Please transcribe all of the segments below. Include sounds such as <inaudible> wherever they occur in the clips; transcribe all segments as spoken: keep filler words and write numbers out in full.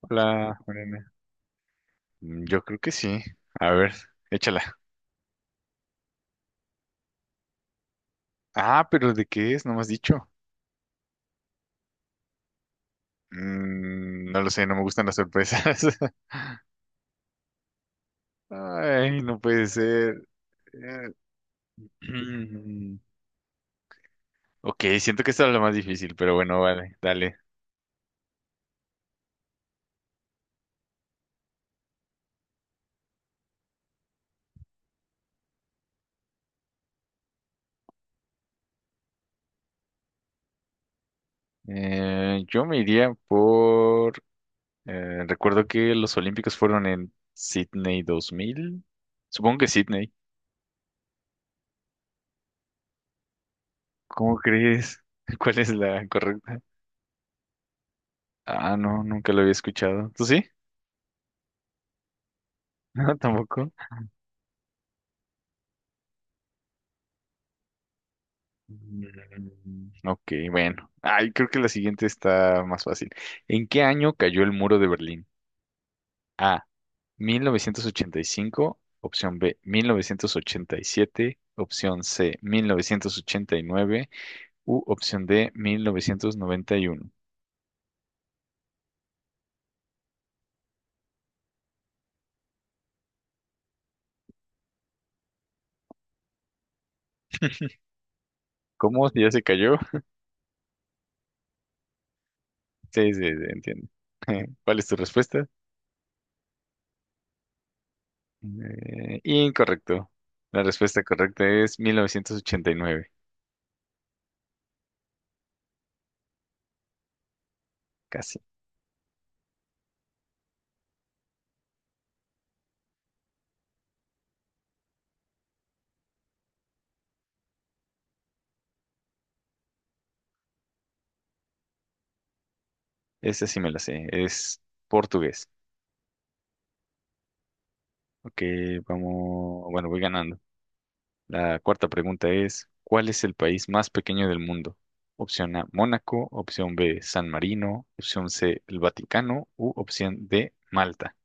Hola, Mariana. Mm, Yo creo que sí. A ver, échala. Ah, pero ¿de qué es? No me has dicho. Mm, no lo sé, no me gustan las sorpresas. <laughs> Ay, no puede ser. Eh, <clears throat> Ok, siento que esta es lo más difícil, pero bueno, vale, dale. Eh, yo me iría por... eh, recuerdo que los Olímpicos fueron en Sydney dos mil. Supongo que Sydney. ¿Cómo crees? <laughs> ¿Cuál es la correcta? Ah, no, nunca lo había escuchado. ¿Tú sí? <laughs> No, tampoco. Mm, ok, bueno. Ay, creo que la siguiente está más fácil. ¿En qué año cayó el muro de Berlín? A. Mil novecientos ochenta y cinco. Opción B. Mil novecientos ochenta y siete. Opción C. Mil novecientos ochenta y nueve. U opción D. Mil novecientos noventa y uno. ¿Cómo? ¿Si ya se cayó? <laughs> Sí, sí, sí, entiendo. <laughs> ¿Cuál es tu respuesta? Eh, incorrecto. La respuesta correcta es mil novecientos ochenta y nueve. Casi. Esa sí me la sé, es portugués. Ok, vamos, bueno, voy ganando. La cuarta pregunta es, ¿cuál es el país más pequeño del mundo? Opción A, Mónaco, opción B, San Marino, opción C, el Vaticano u opción D, Malta.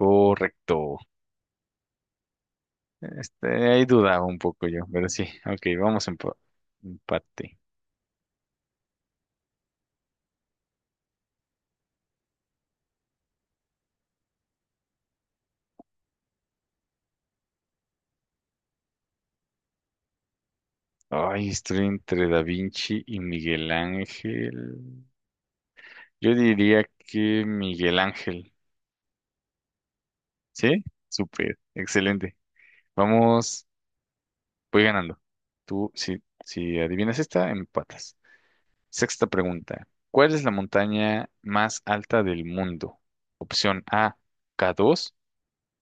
Correcto. Este, ahí dudaba un poco yo, pero sí. Ok, vamos en empate. Ay, estoy entre Da Vinci y Miguel Ángel. Yo diría que Miguel Ángel. ¿Sí? Súper, excelente. Vamos. Voy ganando. Tú, si, si adivinas esta, empatas. Sexta pregunta. ¿Cuál es la montaña más alta del mundo? Opción A, K dos.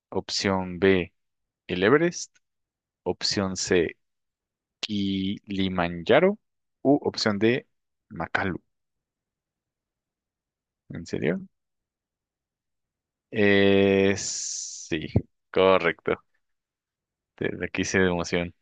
Opción B, el Everest. Opción C, Kilimanjaro. U opción D, Makalu. ¿En serio? Eh, sí, correcto. Te la quise de emoción.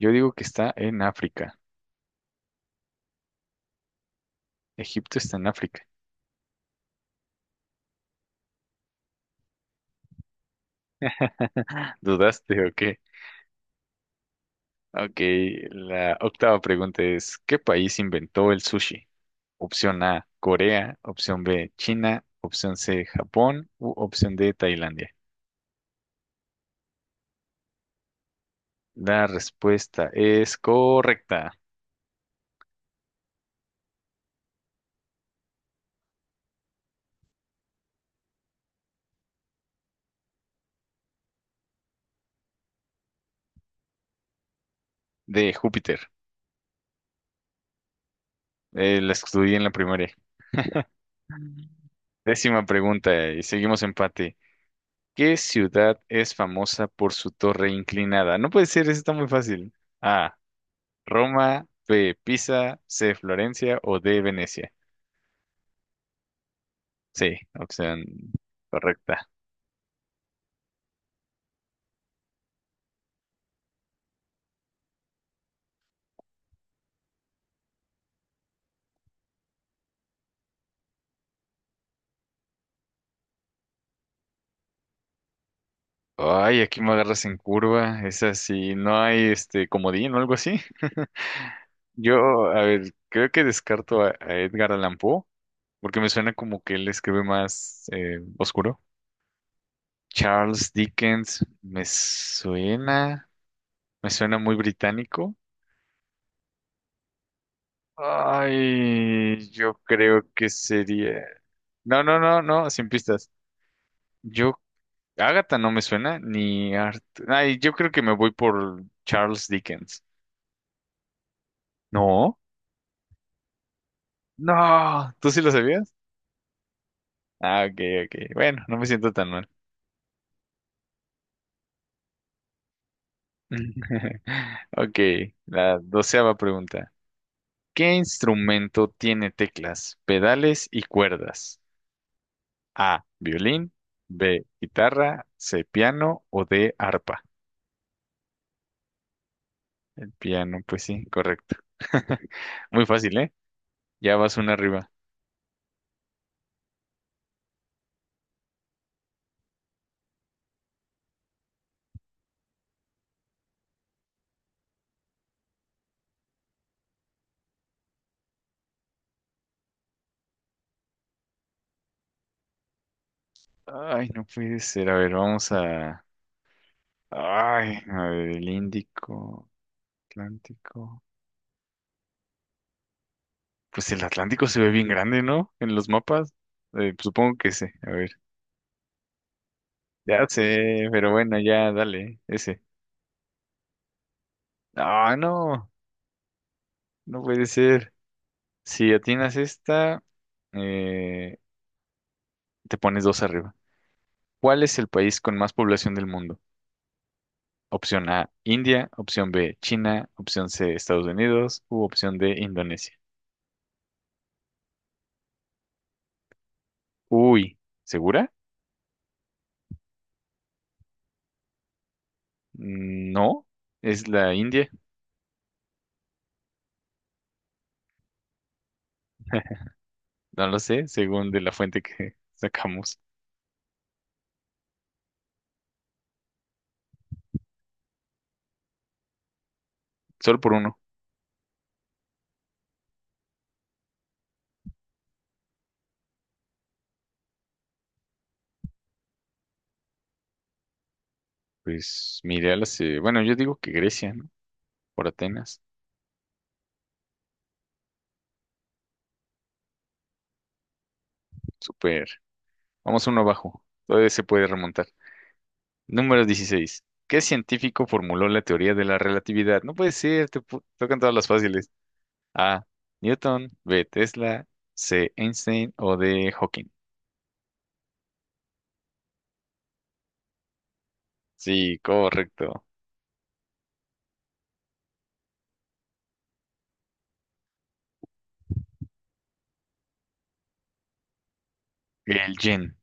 Yo digo que está en África. Egipto está en África. <laughs> ¿Dudaste o qué? Ok, la octava pregunta es, ¿qué país inventó el sushi? Opción A, Corea, opción B, China, opción C, Japón u opción D, Tailandia. La respuesta es correcta, de Júpiter. Eh, la estudié en la primaria. Mm. Décima pregunta y seguimos empate. ¿Qué ciudad es famosa por su torre inclinada? No puede ser, eso está muy fácil. A, Roma, B, Pisa, C, Florencia o D, Venecia. Sí, opción correcta. Ay, aquí me agarras en curva. Es así, no hay este comodín o algo así. <laughs> Yo, a ver, creo que descarto a, a Edgar Allan Poe, porque me suena como que él escribe más eh, oscuro. Charles Dickens, me suena, me suena muy británico. Ay, yo creo que sería. No, no, no, no, sin pistas. Yo Agatha no me suena, ni Art. Ay, yo creo que me voy por Charles Dickens. No, no, ¿tú sí lo sabías? Ah, ok, ok. Bueno, no me siento tan mal. <laughs> Ok, la doceava pregunta. ¿Qué instrumento tiene teclas, pedales y cuerdas? A, violín, B, guitarra, C, piano o D, arpa. Piano, pues sí, correcto. <laughs> Muy fácil, ¿eh? Ya vas una arriba. Ay, no puede ser. A ver, vamos a... Ay, a ver, el Índico, Atlántico. Pues el Atlántico se ve bien grande, ¿no? En los mapas. Eh, supongo que sí. A ver. Ya sé, pero bueno, ya dale, ese. Ah, no, no puede ser. Si atinas esta, eh, te pones dos arriba. ¿Cuál es el país con más población del mundo? Opción A, India. Opción B, China. Opción C, Estados Unidos. U opción D, Indonesia. Uy, ¿segura? Mm, no, es la India. No lo sé, según de la fuente que <laughs> sacamos. Solo por uno. Pues mi ideal hace, bueno, yo digo que Grecia, ¿no? Por Atenas. Súper. Vamos uno abajo. Todavía se puede remontar. Número dieciséis. ¿Qué científico formuló la teoría de la relatividad? No puede ser, te pu- tocan todas las fáciles. A. Newton, B. Tesla, C. Einstein o D. Hawking. Sí, correcto. El yen.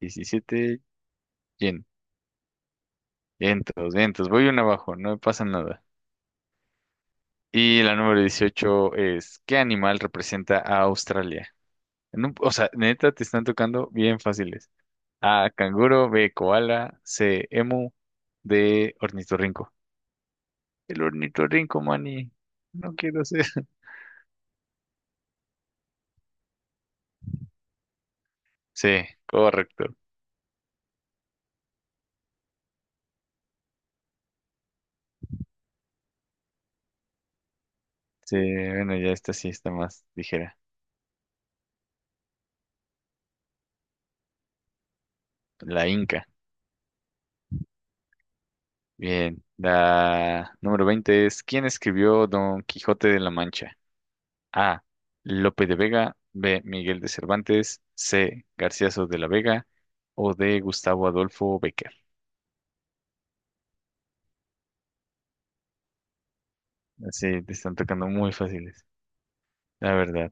Diecisiete. Yen. Vientos, vientos. Voy uno abajo, no pasa nada. Y la número dieciocho es, ¿qué animal representa a Australia? En un- o sea, neta, te están tocando bien fáciles. A, canguro, B, koala, C, emu, D, ornitorrinco. El ornitorrinco, mani. No quiero ser. <laughs> Sí, correcto. Sí, bueno, ya esta sí está más ligera. La Inca. Bien. La número veinte es, ¿quién escribió Don Quijote de la Mancha? A. Lope de Vega. B. Miguel de Cervantes. C. Garcilaso de la Vega. O D. Gustavo Adolfo Bécquer. Así te están tocando muy fáciles, la verdad.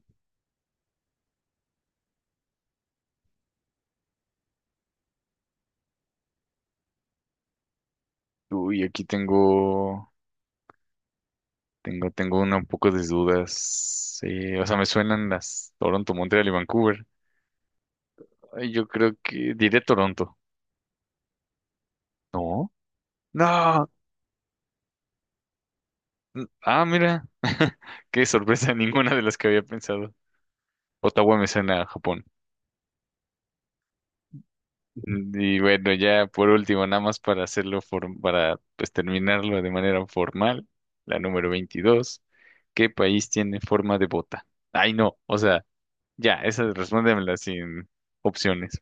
Uy, aquí tengo, tengo, tengo una un poco de dudas. Sí, o sea, me suenan las Toronto, Montreal y Vancouver. Ay, yo creo que diré Toronto. No, no. Ah, mira, <laughs> qué sorpresa, ninguna de las que había pensado. Ottawa me suena a Japón. Y bueno, ya por último, nada más para hacerlo, form- para pues terminarlo de manera formal, la número veintidós, ¿qué país tiene forma de bota? Ay, no, o sea, ya, esa respóndemela sin opciones.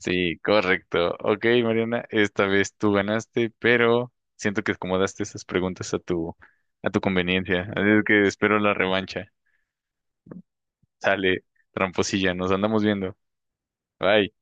Sí, correcto. Ok, Mariana, esta vez tú ganaste, pero siento que acomodaste esas preguntas a tu, a tu conveniencia. Así es que espero la revancha. Sale, tramposilla, nos andamos viendo. Bye.